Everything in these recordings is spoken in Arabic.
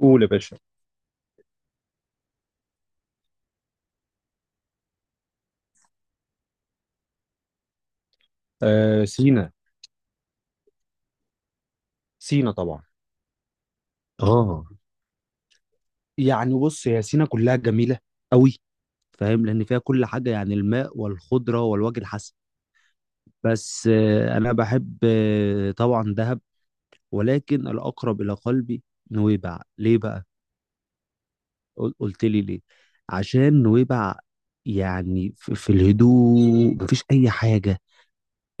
قول يا باشا. آه، سينا. سينا طبعا. اه يعني بص، هي سينا كلها جميلة قوي. فاهم، لأن فيها كل حاجة، يعني الماء والخضرة والوجه الحسن. بس، أنا بحب، طبعا، دهب. ولكن الأقرب إلى قلبي نويبع. ليه بقى؟ قلت لي ليه؟ عشان نويبع، يعني في الهدوء مفيش أي حاجة.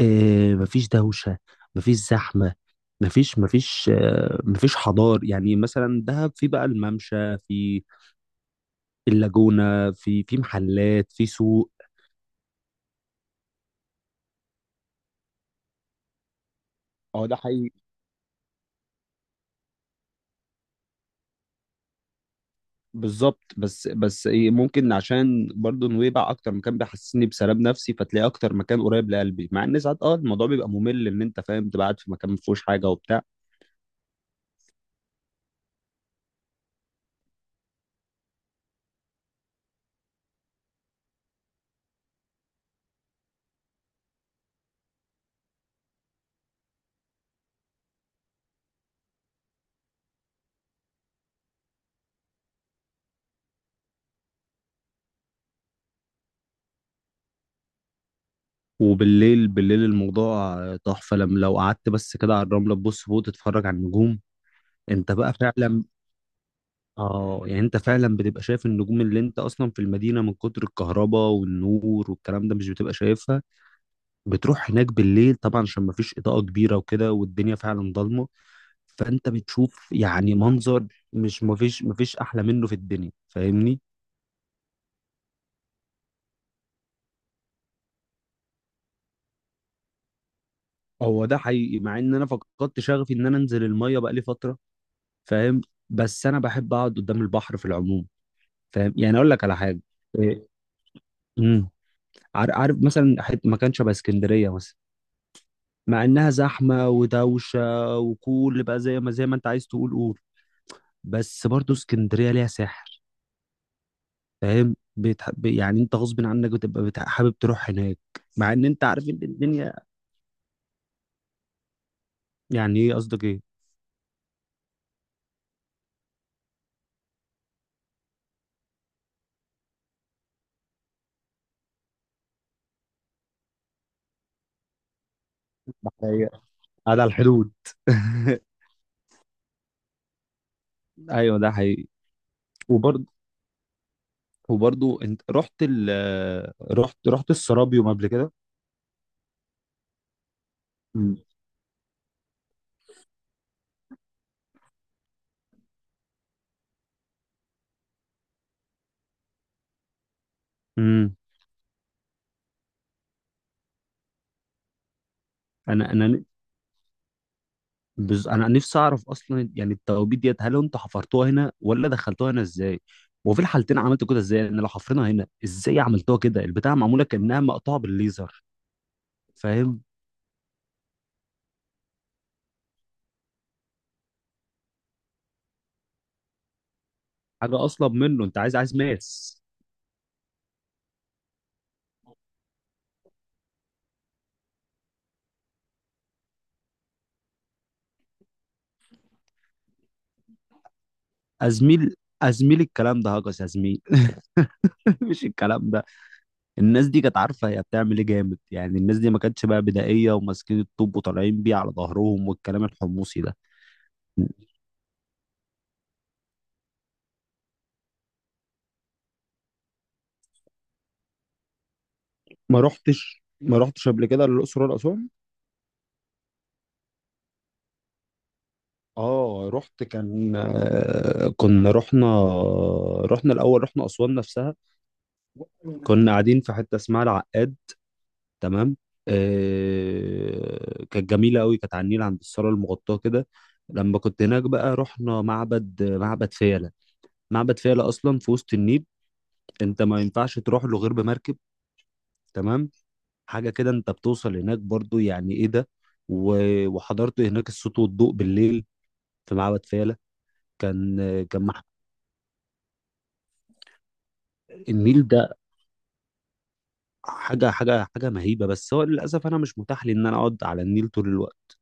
مفيش دوشة. مفيش زحمة. مفيش حضار. يعني مثلا دهب، في بقى الممشى، في اللاجونة، في محلات، في سوق. اه، ده حقيقي. بالظبط. بس ايه، ممكن عشان برضو نويبع اكتر مكان بيحسسني بسلام نفسي، فتلاقي اكتر مكان قريب لقلبي، مع ان ساعات الموضوع بيبقى ممل، ان انت فاهم، تبقى قاعد في مكان ما فيهوش حاجه وبتاع. وبالليل الموضوع تحفه، لما لو قعدت بس كده على الرمله، تبص فوق تتفرج على النجوم. انت بقى فعلا؟ اه يعني انت فعلا بتبقى شايف النجوم، اللي انت اصلا في المدينه من كتر الكهرباء والنور والكلام ده مش بتبقى شايفها. بتروح هناك بالليل طبعا عشان ما فيش اضاءه كبيره وكده، والدنيا فعلا ضلمه. فانت بتشوف يعني منظر، مش ما فيش ما فيش احلى منه في الدنيا، فاهمني. هو ده حقيقي، مع ان انا فقدت شغفي ان انا انزل الميه بقالي فتره، فاهم. بس انا بحب اقعد قدام البحر في العموم. فاهم؟ يعني اقول لك على حاجه. إيه، امم عارف مثلا، مكان شبه اسكندريه مثلا. مع انها زحمه ودوشه، وكل بقى زي ما انت عايز تقول قول. بس برضو اسكندريه ليها سحر. فاهم. يعني انت غصب عنك بتبقى، حابب تروح هناك، مع ان انت عارف ان الدنيا. يعني ايه؟ قصدك ايه؟ ده حقيقة. على الحدود. ايوه، ده حقيقي. وبرضو وبرضو انت رحت ال رحت رحت السرابيوم قبل كده. مم. امم انا انا انا نفسي اعرف اصلا، يعني التوابيت ديت هل انتوا حفرتوها هنا ولا دخلتوها هنا ازاي؟ وفي الحالتين عملتوا كده ازاي؟ ان لو حفرنا هنا ازاي عملتوها كده، البتاعه معموله كانها مقطوعه بالليزر، فاهم. حاجه اصلب منه، انت عايز ماس. ازميل، ازميل، الكلام ده هجس يا زميل. مش الكلام ده. الناس دي كانت عارفه هي بتعمل ايه جامد، يعني الناس دي ما كانتش بقى بدائيه وماسكين الطوب وطالعين بيه على ظهرهم والكلام الحمصي ده. ما رحتش قبل كده للاقصر ولا اسوان؟ اه، رحت. كان آه، كنا رحنا الاول، رحنا اسوان نفسها. كنا قاعدين في حته اسمها العقاد، تمام. كانت جميله قوي، كانت على النيل عند الصاله المغطاه كده. لما كنت هناك بقى رحنا معبد فيلة. معبد فيلة اصلا في وسط النيل، انت ما ينفعش تروح له غير بمركب، تمام. حاجه كده، انت بتوصل هناك برضو، يعني ايه ده. وحضرت هناك الصوت والضوء بالليل، في معبد فيلة. كان كان مح- النيل ده، حاجه مهيبه. بس هو للاسف انا مش متاح لي ان انا اقعد على النيل طول الوقت.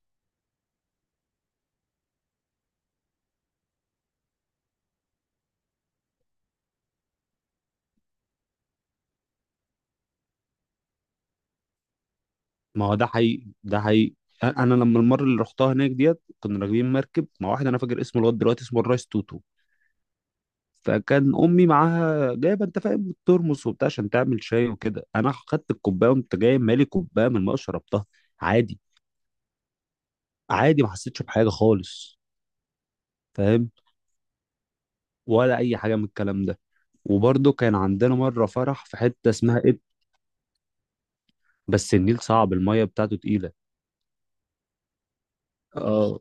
ما هو ده حقيقي، ده حقيقي. انا لما المره اللي رحتها هناك ديت، كنا راكبين مركب مع واحد، انا فاكر اسمه لغايه دلوقتي، اسمه الرايس توتو. فكان امي معاها جايبه انت فاهم الترمس وبتاع عشان تعمل شاي وكده، انا خدت الكوبايه وانت جاي مالي كوبايه من الماء، شربتها عادي. عادي، ما حسيتش بحاجه خالص، فاهم، ولا اي حاجه من الكلام ده. وبرده كان عندنا مره فرح في حته اسمها إد. بس النيل صعب، الميه بتاعته تقيله. اه.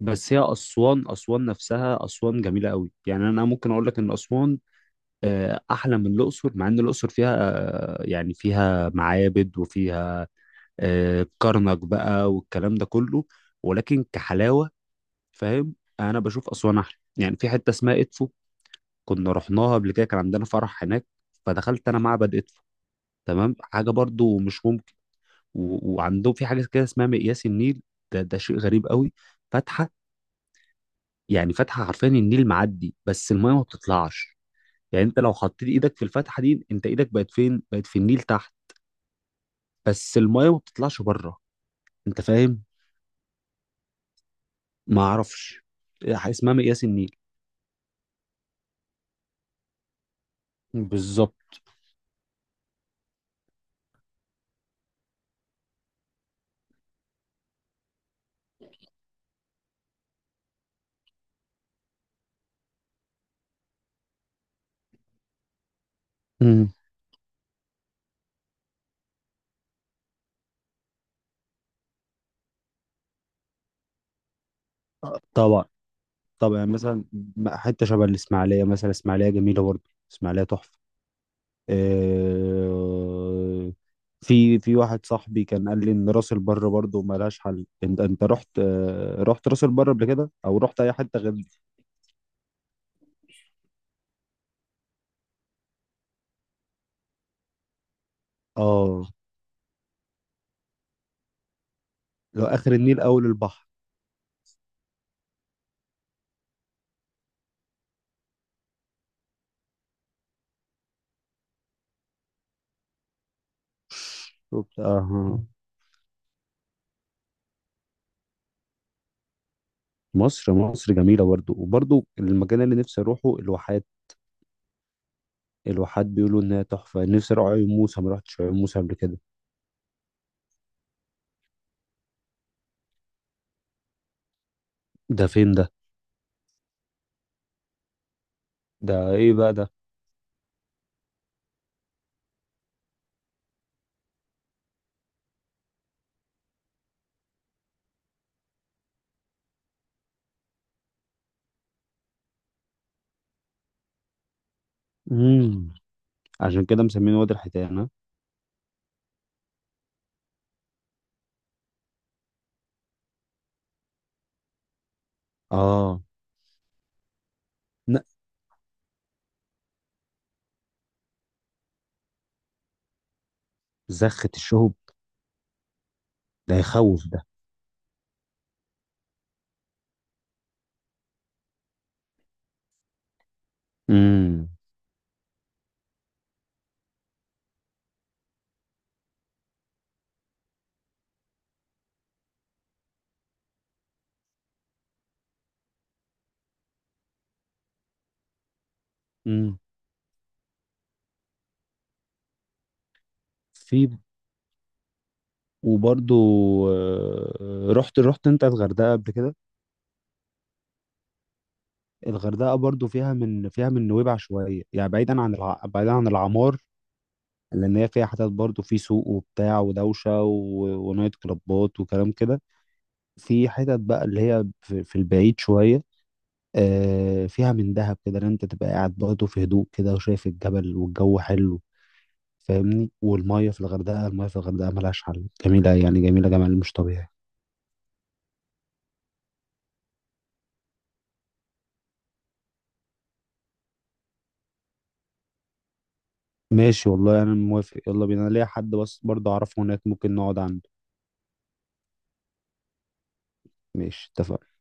بس هي أسوان، أسوان نفسها، أسوان جميلة قوي، يعني أنا ممكن أقول لك إن أسوان أحلى من الأقصر، مع إن الأقصر فيها يعني فيها معابد، وفيها كرنك بقى والكلام ده كله. ولكن كحلاوة، فاهم، أنا بشوف أسوان أحلى، يعني في حتة اسمها إدفو، كنا رحناها قبل كده، كان عندنا فرح هناك. فدخلت أنا معبد إدفو، تمام، حاجة برضو مش ممكن. وعندهم في حاجة كده اسمها مقياس النيل، ده شيء غريب قوي. فاتحة، يعني فتحة حرفيا، النيل معدي بس المية ما بتطلعش. يعني انت لو حطيت ايدك في الفتحة دي، انت ايدك بقت فين؟ بقت في النيل تحت، بس المية ما بتطلعش بره، انت فاهم. ما اعرفش، إيه اسمها، مقياس النيل. بالظبط. مم. طبعا طبعا، يعني مثلا حته شبه الاسماعيليه مثلا، الاسماعيليه جميله برضه، الاسماعيليه تحفه. آه، في واحد صاحبي كان قال لي ان راس البر برضه ملهاش حل، انت رحت راس البر قبل كده، او رحت اي حته غير دي؟ اه. لو اخر النيل، اول البحر. وبتاع. آه. مصر مصر جميله برضو، وبرضو المكان اللي نفسي اروحه الواحات. الواحات بيقولوا انها تحفه. نفسي اروح عيون موسى، ما رحتش عيون موسى قبل كده. ده فين ده؟ ده ايه بقى ده؟ امم عشان كده مسمينه وادي الحيتان، ها؟ اه. لا. زخة الشهب؟ ده يخوف ده. امم امم في وبرضو، رحت انت الغردقه قبل كده؟ الغردقه برضو فيها، من نويبع شويه، يعني بعيدا عن بعيدا عن العمار. لان هي فيها حتت برضه، في سوق وبتاع ودوشه ونايت كلابات وكلام كده. في حتت بقى اللي هي في البعيد شويه، فيها من دهب كده، ان انت تبقى قاعد برضه في هدوء كده، وشايف الجبل والجو حلو، فاهمني. والميه في الغردقه، الميه في الغردقه ملهاش حل، جميله يعني جميله، جمال مش طبيعي. ماشي والله انا موافق، يلا بينا. أنا ليا حد بس برضه اعرفه هناك، ممكن نقعد عنده. ماشي، اتفقنا.